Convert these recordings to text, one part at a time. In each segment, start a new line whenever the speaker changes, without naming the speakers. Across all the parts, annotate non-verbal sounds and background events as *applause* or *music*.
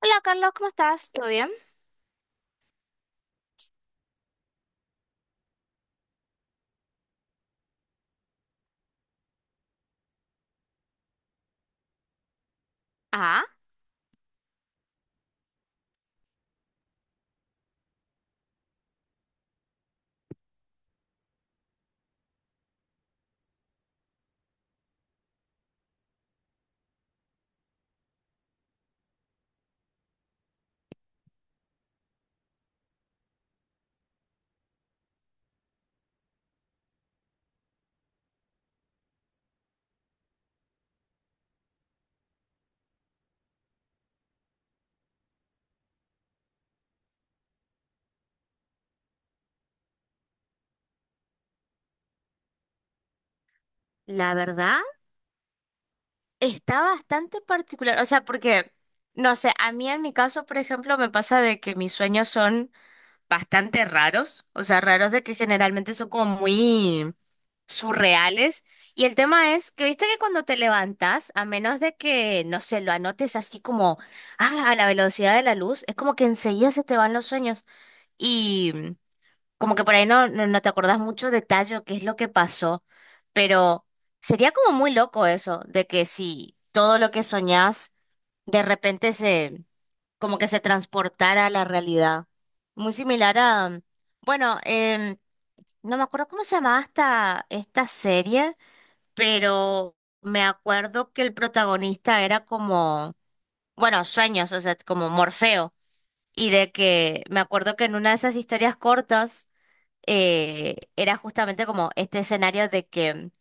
Hola Carlos, ¿cómo estás? ¿Todo bien? Ah, la verdad, está bastante particular. O sea, porque, no sé, a mí en mi caso, por ejemplo, me pasa de que mis sueños son bastante raros. O sea, raros de que generalmente son como muy surreales. Y el tema es que, viste que cuando te levantas, a menos de que, no sé, lo anotes así como, ah, a la velocidad de la luz, es como que enseguida se te van los sueños. Y como que por ahí no te acordás mucho detalle o qué es lo que pasó, pero sería como muy loco eso, de que si todo lo que soñás de repente se, como que se transportara a la realidad. Muy similar a, bueno, no me acuerdo cómo se llamaba esta serie, pero me acuerdo que el protagonista era como, bueno, sueños, o sea, como Morfeo. Y de que me acuerdo que en una de esas historias cortas era justamente como este escenario de que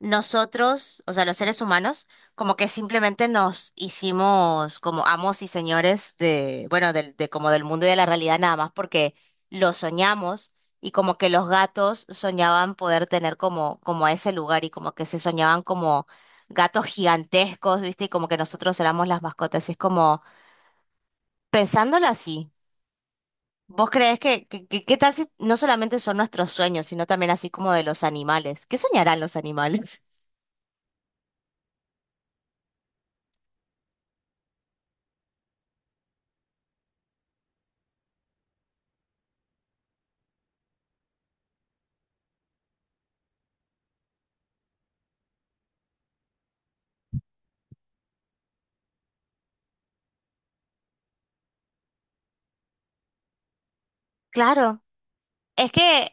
nosotros, o sea, los seres humanos, como que simplemente nos hicimos como amos y señores de, bueno, del de como del mundo y de la realidad nada más porque lo soñamos y como que los gatos soñaban poder tener como, como a ese lugar y como que se soñaban como gatos gigantescos, ¿viste? Y como que nosotros éramos las mascotas. Y es como pensándolo así. ¿Vos creés que, qué tal si no solamente son nuestros sueños, sino también así como de los animales? ¿Qué soñarán los animales? *laughs* Claro, es que,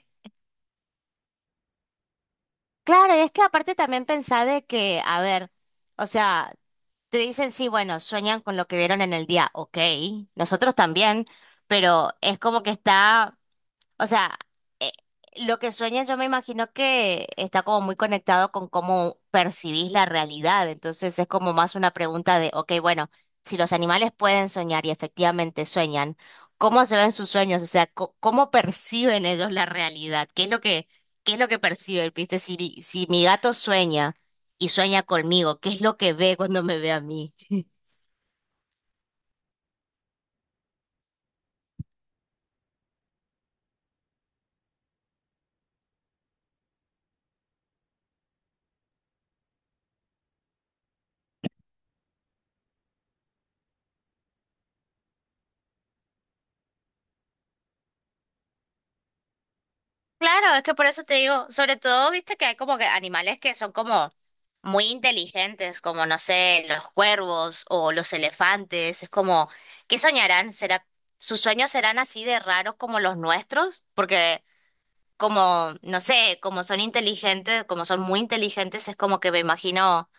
claro, es que aparte también pensá de que, a ver, o sea, te dicen sí, bueno, sueñan con lo que vieron en el día, ok, nosotros también, pero es como que está. O sea, eh, lo que sueñas yo me imagino que está como muy conectado con cómo percibís la realidad. Entonces es como más una pregunta de, ok, bueno, si los animales pueden soñar y efectivamente sueñan, ¿cómo se ven sus sueños? O sea, ¿cómo perciben ellos la realidad? ¿Qué es lo que, qué es lo que perciben? ¿Viste? Si, si mi gato sueña y sueña conmigo, ¿qué es lo que ve cuando me ve a mí? Claro, es que por eso te digo, sobre todo, viste que hay como que animales que son como muy inteligentes, como no sé, los cuervos o los elefantes, es como, ¿qué soñarán? ¿Será, sus sueños serán así de raros como los nuestros? Porque como, no sé, como son inteligentes, como son muy inteligentes, es como que me imagino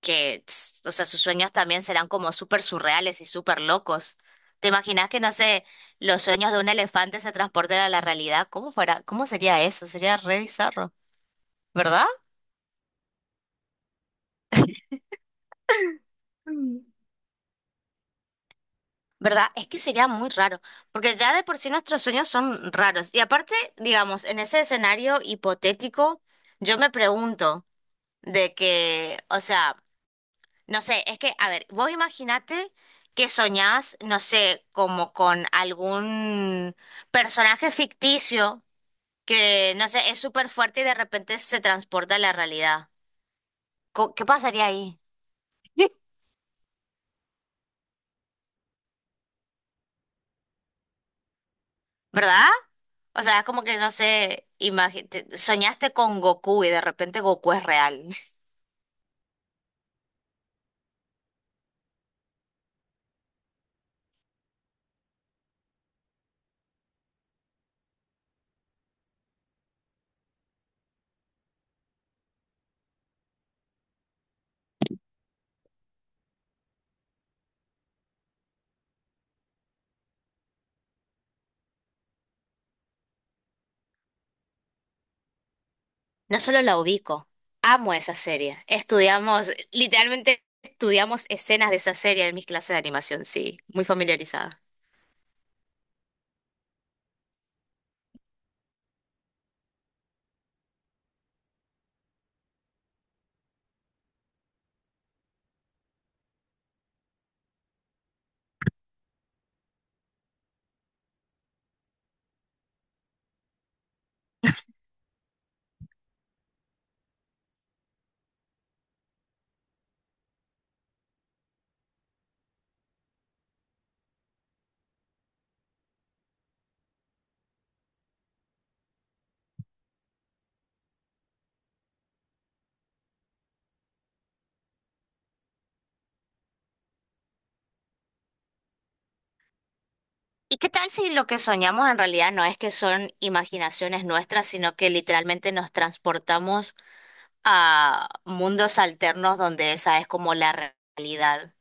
que, tss, o sea, sus sueños también serán como súper surreales y súper locos. ¿Te imaginas que, no sé, los sueños de un elefante se transporten a la realidad? ¿Cómo fuera? ¿Cómo sería eso? Sería re bizarro, ¿verdad? Mm. ¿Verdad? Es que sería muy raro, porque ya de por sí nuestros sueños son raros. Y aparte, digamos, en ese escenario hipotético, yo me pregunto de que, o sea, no sé, es que, a ver, vos imaginate que soñás, no sé, como con algún personaje ficticio que, no sé, es súper fuerte y de repente se transporta a la realidad. ¿Qué pasaría ahí? ¿Verdad? O sea, es como que, no sé, soñaste con Goku y de repente Goku es real. *laughs* No solo la ubico, amo esa serie. Estudiamos, literalmente estudiamos escenas de esa serie en mis clases de animación, sí, muy familiarizada. ¿Y qué tal si lo que soñamos en realidad no es que son imaginaciones nuestras, sino que literalmente nos transportamos a mundos alternos donde esa es como la realidad?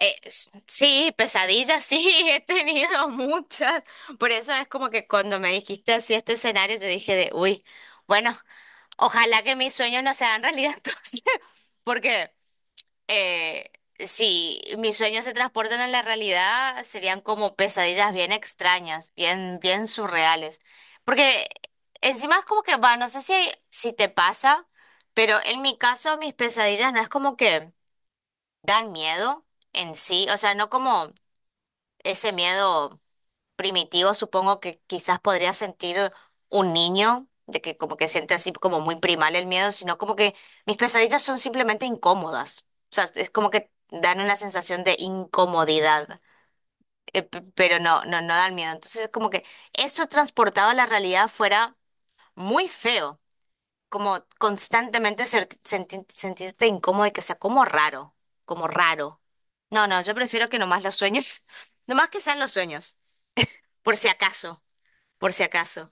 Sí, pesadillas, sí, *laughs* he tenido muchas. Por eso es como que cuando me dijiste así este escenario, yo dije de, uy, bueno, ojalá que mis sueños no sean realidad *laughs* entonces, porque eh, si mis sueños se transportan a la realidad, serían como pesadillas bien extrañas, bien, bien surreales. Porque encima es como que, va, no sé si, si te pasa, pero en mi caso mis pesadillas no es como que dan miedo en sí, o sea, no como ese miedo primitivo, supongo que quizás podría sentir un niño, de que como que siente así como muy primal el miedo, sino como que mis pesadillas son simplemente incómodas. O sea, es como que dan una sensación de incomodidad, pero no dan miedo. Entonces es como que eso transportado a la realidad fuera muy feo, como constantemente sentirte incómodo y que sea como raro, como raro. No, no, yo prefiero que nomás los sueños, *laughs* nomás que sean los sueños, por si acaso por si acaso.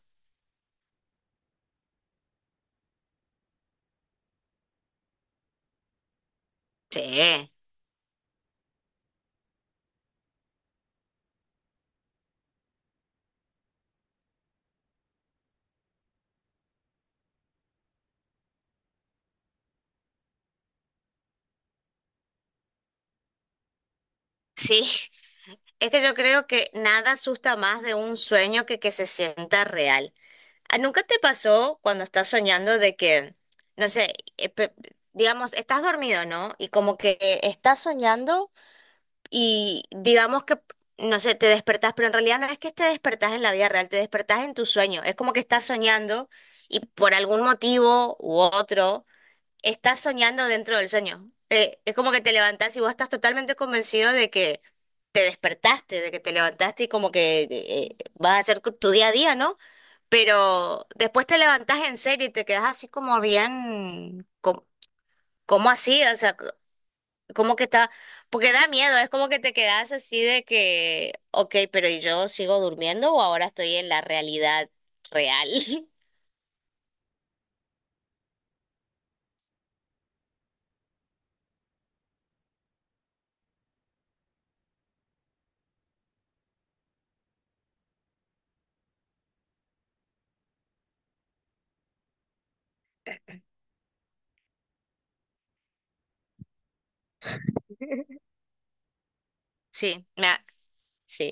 Sí, sí. Es que yo creo que nada asusta más de un sueño que se sienta real. ¿Nunca te pasó cuando estás soñando de que, no sé, digamos, estás dormido, ¿no? Y como que estás soñando y digamos que, no sé, te despertás, pero en realidad no es que te despertás en la vida real, te despertás en tu sueño. Es como que estás soñando y por algún motivo u otro estás soñando dentro del sueño. Es como que te levantás y vos estás totalmente convencido de que te despertaste, de que te levantaste y como que vas a hacer tu día a día, ¿no? Pero después te levantás en serio y te quedás así como bien, como, como así, o sea, como que está, porque da miedo, es como que te quedás así de que, ok, pero ¿y yo sigo durmiendo o ahora estoy en la realidad real? *laughs* Sí, sí.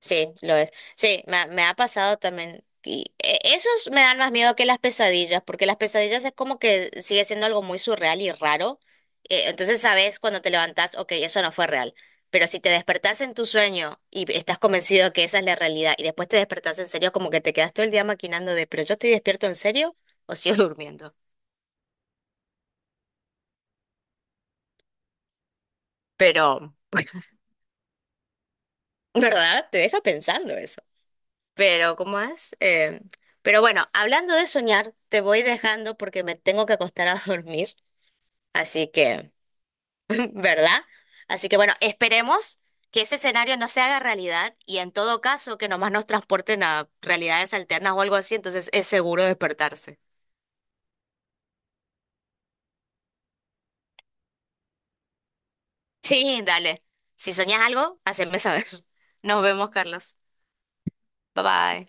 Sí, lo es. Sí, me ha pasado también. Y esos me dan más miedo que las pesadillas, porque las pesadillas es como que sigue siendo algo muy surreal y raro. Entonces sabes cuando te levantás, ok, eso no fue real. Pero si te despertás en tu sueño y estás convencido que esa es la realidad y después te despertás en serio, como que te quedas todo el día maquinando de, pero yo estoy despierto en serio o sigo *laughs* durmiendo. Pero, ¿verdad? Te deja pensando eso. Pero, ¿cómo es? Pero bueno, hablando de soñar, te voy dejando porque me tengo que acostar a *laughs* dormir. Así que, *laughs* ¿verdad? Así que bueno, esperemos que ese escenario no se haga realidad y en todo caso que nomás nos transporten a realidades alternas o algo así, entonces es seguro despertarse. Sí, dale. Si soñas algo, haceme saber. *laughs* Nos vemos, Carlos. Bye bye.